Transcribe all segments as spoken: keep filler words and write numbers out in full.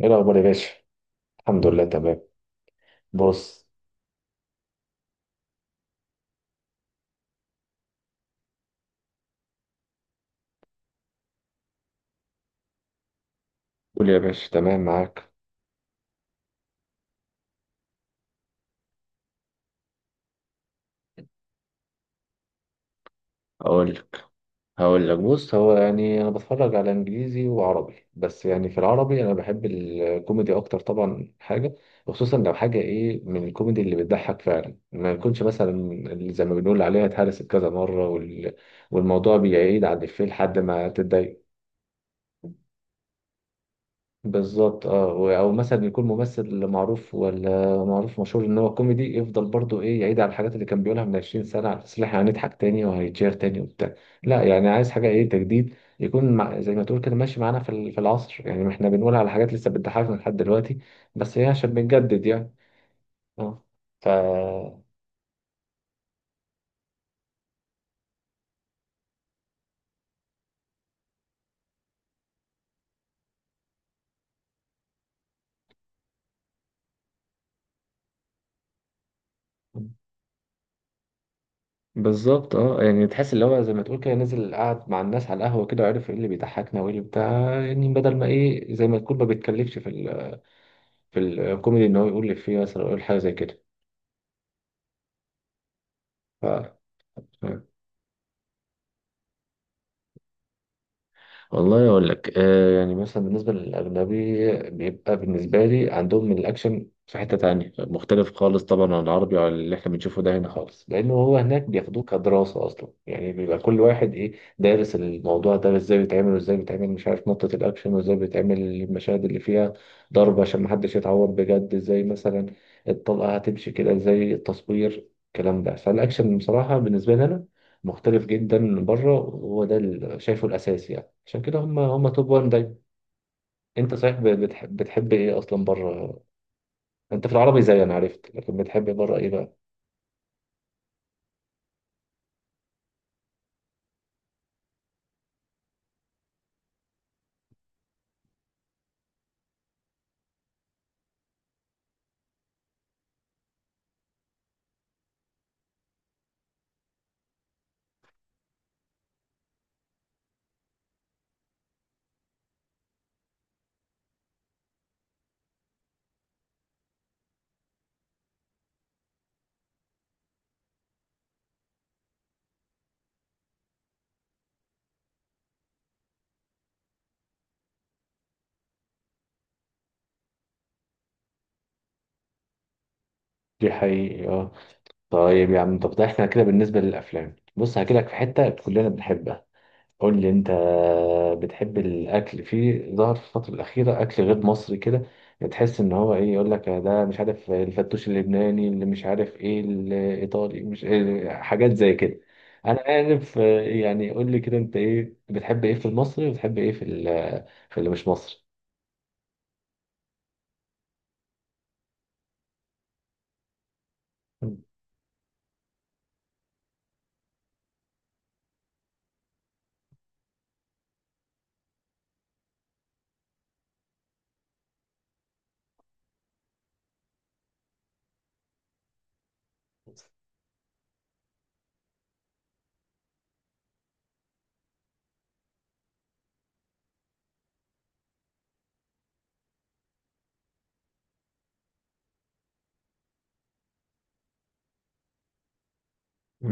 ايه الاخبار يا باشا؟ الحمد لله، تمام. بص، قول يا باشا، تمام معاك. اقول لك، هقول لك بص، هو يعني انا بتفرج على انجليزي وعربي، بس يعني في العربي انا بحب الكوميدي اكتر طبعا. حاجه خصوصا لو حاجه ايه، من الكوميدي اللي بتضحك فعلا، ما يكونش مثلا اللي زي ما بنقول عليها اتهرست كذا مره وال... والموضوع بيعيد على الإفيه لحد ما تتضايق. بالظبط. اه و- او مثلا يكون ممثل معروف ولا معروف مشهور ان هو كوميدي، يفضل برضو ايه، يعيد على الحاجات اللي كان بيقولها من عشرين سنه على اساس إن احنا هنضحك تاني وهيتشير تاني وبتاع. لا، يعني عايز حاجه ايه، تجديد، يكون مع زي ما تقول كده ماشي معانا في ال- في العصر. يعني احنا بنقول على حاجات لسه بتضحكنا لحد دلوقتي، بس هي عشان بنجدد يعني. اه. ف بالظبط. اه يعني تحس اللي هو زي ما تقول كده، نزل قعد مع الناس على القهوه كده وعرف ايه اللي بيضحكنا وايه اللي بتاع. يعني بدل ما ايه، زي ما تقول، ما بيتكلفش في في الكوميدي ان هو يقول لي فيه مثلا أو يقول حاجه زي كده. ف... والله اقول لك، آه يعني مثلا بالنسبه للاجنبي، بيبقى بالنسبه لي عندهم الاكشن في حته تانية، مختلف خالص طبعا عن العربي وعن اللي احنا بنشوفه ده هنا خالص. لانه هو هناك بياخدوه كدراسه اصلا، يعني بيبقى كل واحد ايه، دارس الموضوع ده ازاي بيتعمل وازاي بيتعمل، مش عارف، نقطه الاكشن وازاي بيتعمل المشاهد اللي فيها ضرب عشان محدش يتعور بجد، ازاي مثلا الطلقه هتمشي كده، ازاي التصوير، الكلام ده. فالاكشن بصراحه بالنسبه لي انا مختلف جدا بره، وهو ده اللي شايفه الاساسي يعني. عشان كده هم هم توب واحد دايما. انت صحيح ب- بتحب، بتحب ايه اصلا بره؟ انت في العربي زي انا عرفت، لكن بتحب بره ايه بقى؟ دي حقيقي، اه. طيب يا عم، طب ده احنا كده بالنسبه للافلام، بص هحكي لك في حته كلنا بنحبها. قول لي انت، بتحب الاكل؟ في ظهر في الفتره الاخيره اكل غير مصري كده، بتحس ان هو ايه، يقول لك ده مش عارف الفتوش اللبناني، اللي مش عارف ايه الايطالي، مش إيه، حاجات زي كده. انا عارف، آه، يعني قول لي كده، انت ايه، بتحب ايه في المصري وبتحب ايه في ال- في اللي مش مصري؟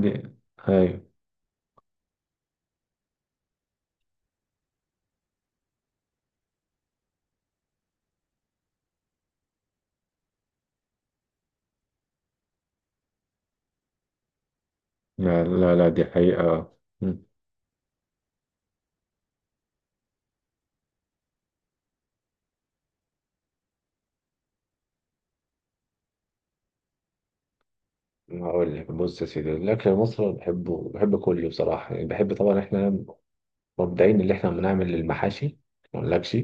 دي، ايوه. لا لا لا، دي حقيقة. مم. هقول لك بص يا سيدي، الاكل المصري أنا بحبه، بحب كله بصراحه. يعني بحب طبعا احنا مبدئيا اللي احنا بنعمل للمحاشي، ما اقولكش.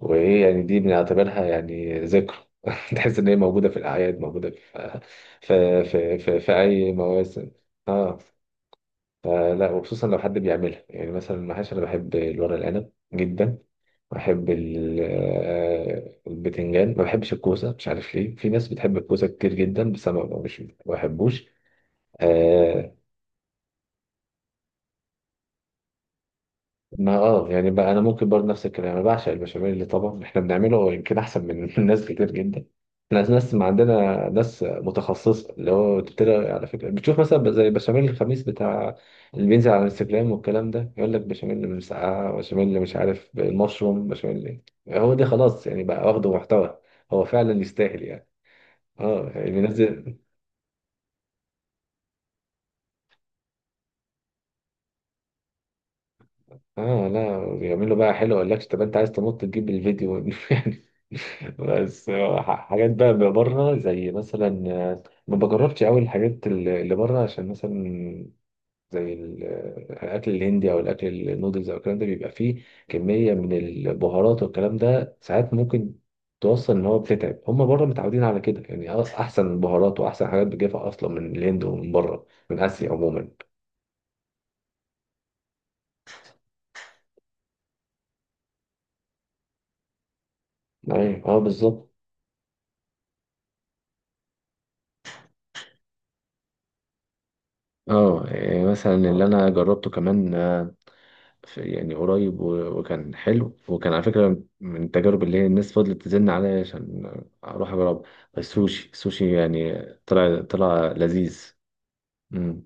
وايه يعني، دي بنعتبرها يعني ذكرى. تحس ان هي موجوده في الاعياد، موجوده في في في في, في اي مواسم. اه. فلا، وخصوصا لو حد بيعملها. يعني مثلا المحاشي انا بحب الورق العنب جدا، بحب ال- آه، البتنجان، ما بحبش الكوسه، مش عارف ليه، في ناس بتحب الكوسه كتير جدا، بس انا ما- مش ما بحبوش. آه. ما اه يعني بقى انا ممكن برضه نفس الكلام، انا بعشق البشاميل، اللي طبعا احنا بنعمله هو يمكن احسن من ناس كتير جدا. احنا ناس، ما عندنا ناس متخصصه، اللي هو بتبتدي على فكره بتشوف مثلا زي بشاميل الخميس بتاع، اللي بينزل على الانستجرام والكلام ده، يقول لك بشاميل من مسقعه، بشاميل مش عارف المشروم، بشاميل إيه. هو ده، خلاص يعني بقى واخده محتوى. هو فعلا يستاهل يعني. اه يعني بينزل. اه لا، بيعملوا بقى حلو، يقول لك طب انت عايز تنط تجيب الفيديو يعني. بس آه، ح- حاجات بقى بره زي مثلا، آه، ما بجربش قوي الحاجات ال- اللي بره، عشان مثلا زي ال- آه، الاكل الهندي او الاكل النودلز او الكلام ده، بيبقى فيه كميه من البهارات والكلام ده ساعات ممكن توصل ان هو بتتعب. هم بره متعودين على كده، يعني أ- احسن بهارات واحسن حاجات بتجيبها اصلا من الهند ومن بره، من اسيا عموما. ايوه اه بالظبط. اه يعني مثلا اللي انا جربته كمان آه، في- يعني قريب و- وكان حلو، وكان على فكره من التجارب اللي هي الناس فضلت تزن عليا عشان اروح اجرب، السوشي، السوشي يعني. طلع، طلع لذيذ. مم.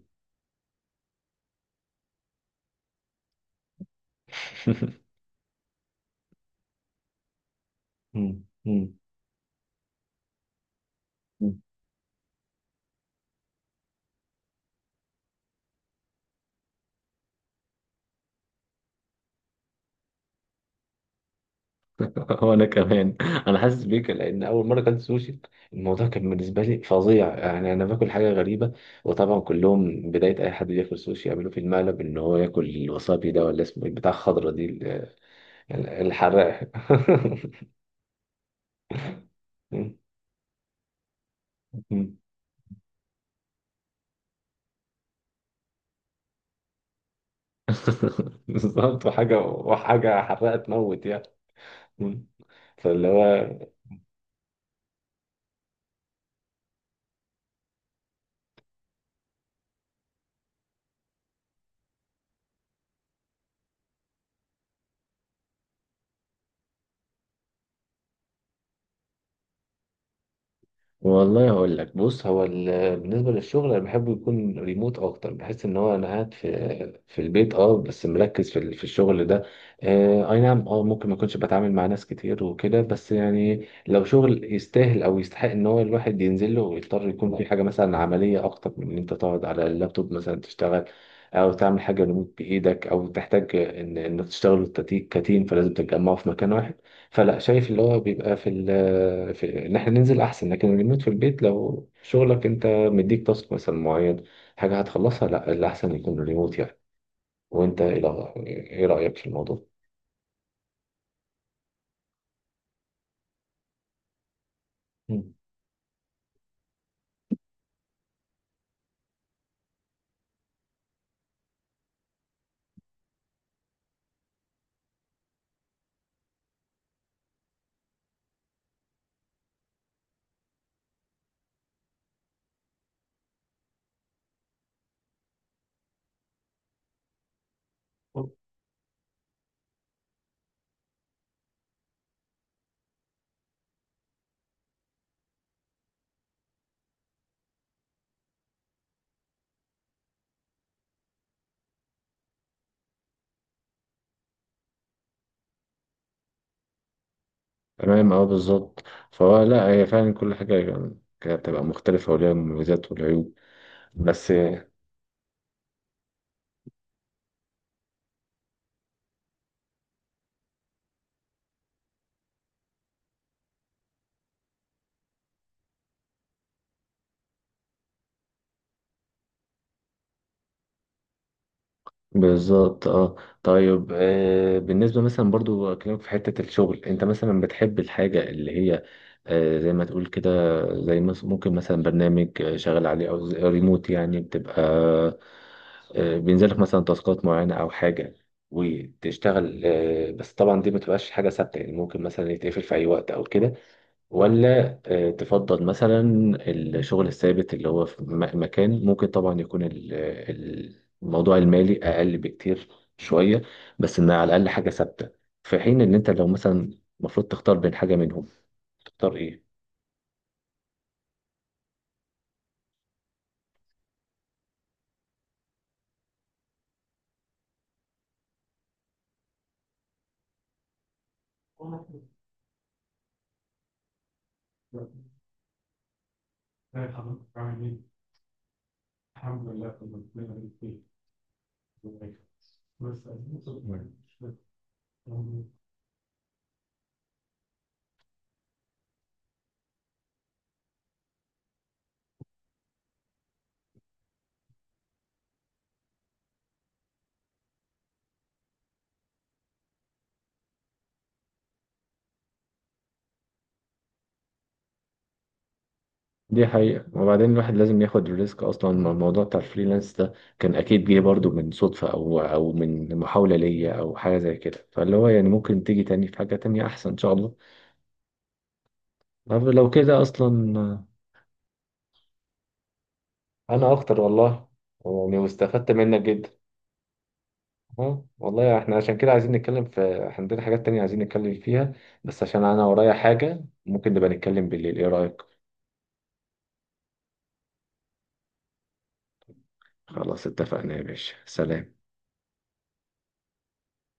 مم. مم. مم. وانا كمان، انا حاسس بيك، لان اول مره كانت سوشي الموضوع كان بالنسبه لي فظيع. يعني انا باكل حاجه غريبه، وطبعا كلهم بدايه اي حد بياكل سوشي يعملوا في المقلب ان هو ياكل الوسابي ده، ولا اسمه إيه، بتاع الخضره دي، الحراق. بالظبط، وحاجة، وحاجة حراقة تموت يعني. فاللي هو، والله هقول لك بص، هو ال- بالنسبه للشغل، انا بحبه يكون ريموت اكتر. بحس ان هو انا قاعد في في البيت، اه، بس مركز في ال- في الشغل ده. آه اي نعم، اه ممكن ما اكونش بتعامل مع ناس كتير وكده، بس يعني لو شغل يستاهل او يستحق ان هو الواحد ينزل له، ويضطر يكون في حاجه مثلا عمليه اكتر من ان انت تقعد على اللابتوب مثلا تشتغل، او تعمل حاجه ريموت بايدك، او تحتاج ان انك تشتغل كتيم فلازم تتجمعوا في مكان واحد، فلا، شايف اللي هو بيبقى في, ال- في ان احنا ننزل احسن. لكن الريموت في البيت، لو شغلك انت مديك تاسك مثلا معين، حاجه هتخلصها، لا، الاحسن يكون ريموت يعني. وانت ايه الأخ- إيه رايك في الموضوع؟ مم. تمام اه بالظبط. فهو لا، هي فعلا كل حاجة كانت بتبقى مختلفة، وليها مميزات والعيوب. بس بالظبط اه. طيب آه بالنسبة مثلا برضو أكلمك في حتة الشغل، انت مثلا بتحب الحاجة اللي هي آه زي ما تقول كده، زي مس- ممكن مثلا برنامج آه، شغال عليه، او زي- ريموت يعني، بتبقى آه بينزلك مثلا تاسكات معينة او حاجة وتشتغل، آه بس طبعا دي ما تبقاش حاجة ثابتة، يعني ممكن مثلا يتقفل في اي وقت او كده، ولا آه، تفضل مثلا الشغل الثابت اللي هو في م- مكان، ممكن طبعا يكون ال- ال- الموضوع المالي أقل بكتير شوية، بس إنها على الأقل حاجة ثابتة. في حين إن أنت لو مثلا المفروض تختار بين حاجة منهم، تختار إيه؟ دي حقيقة. وبعدين الواحد لازم ياخد الريسك. أصلا الموضوع بتاع الفريلانس ده كان أكيد جه برضو من صدفة أو أو من محاولة ليا أو حاجة زي كده، فاللي هو يعني ممكن تيجي تاني في حاجة تانية أحسن إن شاء الله. طب لو كده أصلا. انا اكتر والله. يعني واستفدت منك جدا. اه والله احنا عشان كده عايزين نتكلم في، إحنا عندنا حاجات تانية عايزين نتكلم فيها، بس عشان انا ورايا حاجة ممكن نبقى نتكلم بالليل، ايه رأيك؟ خلاص اتفقنا يا باشا، سلام.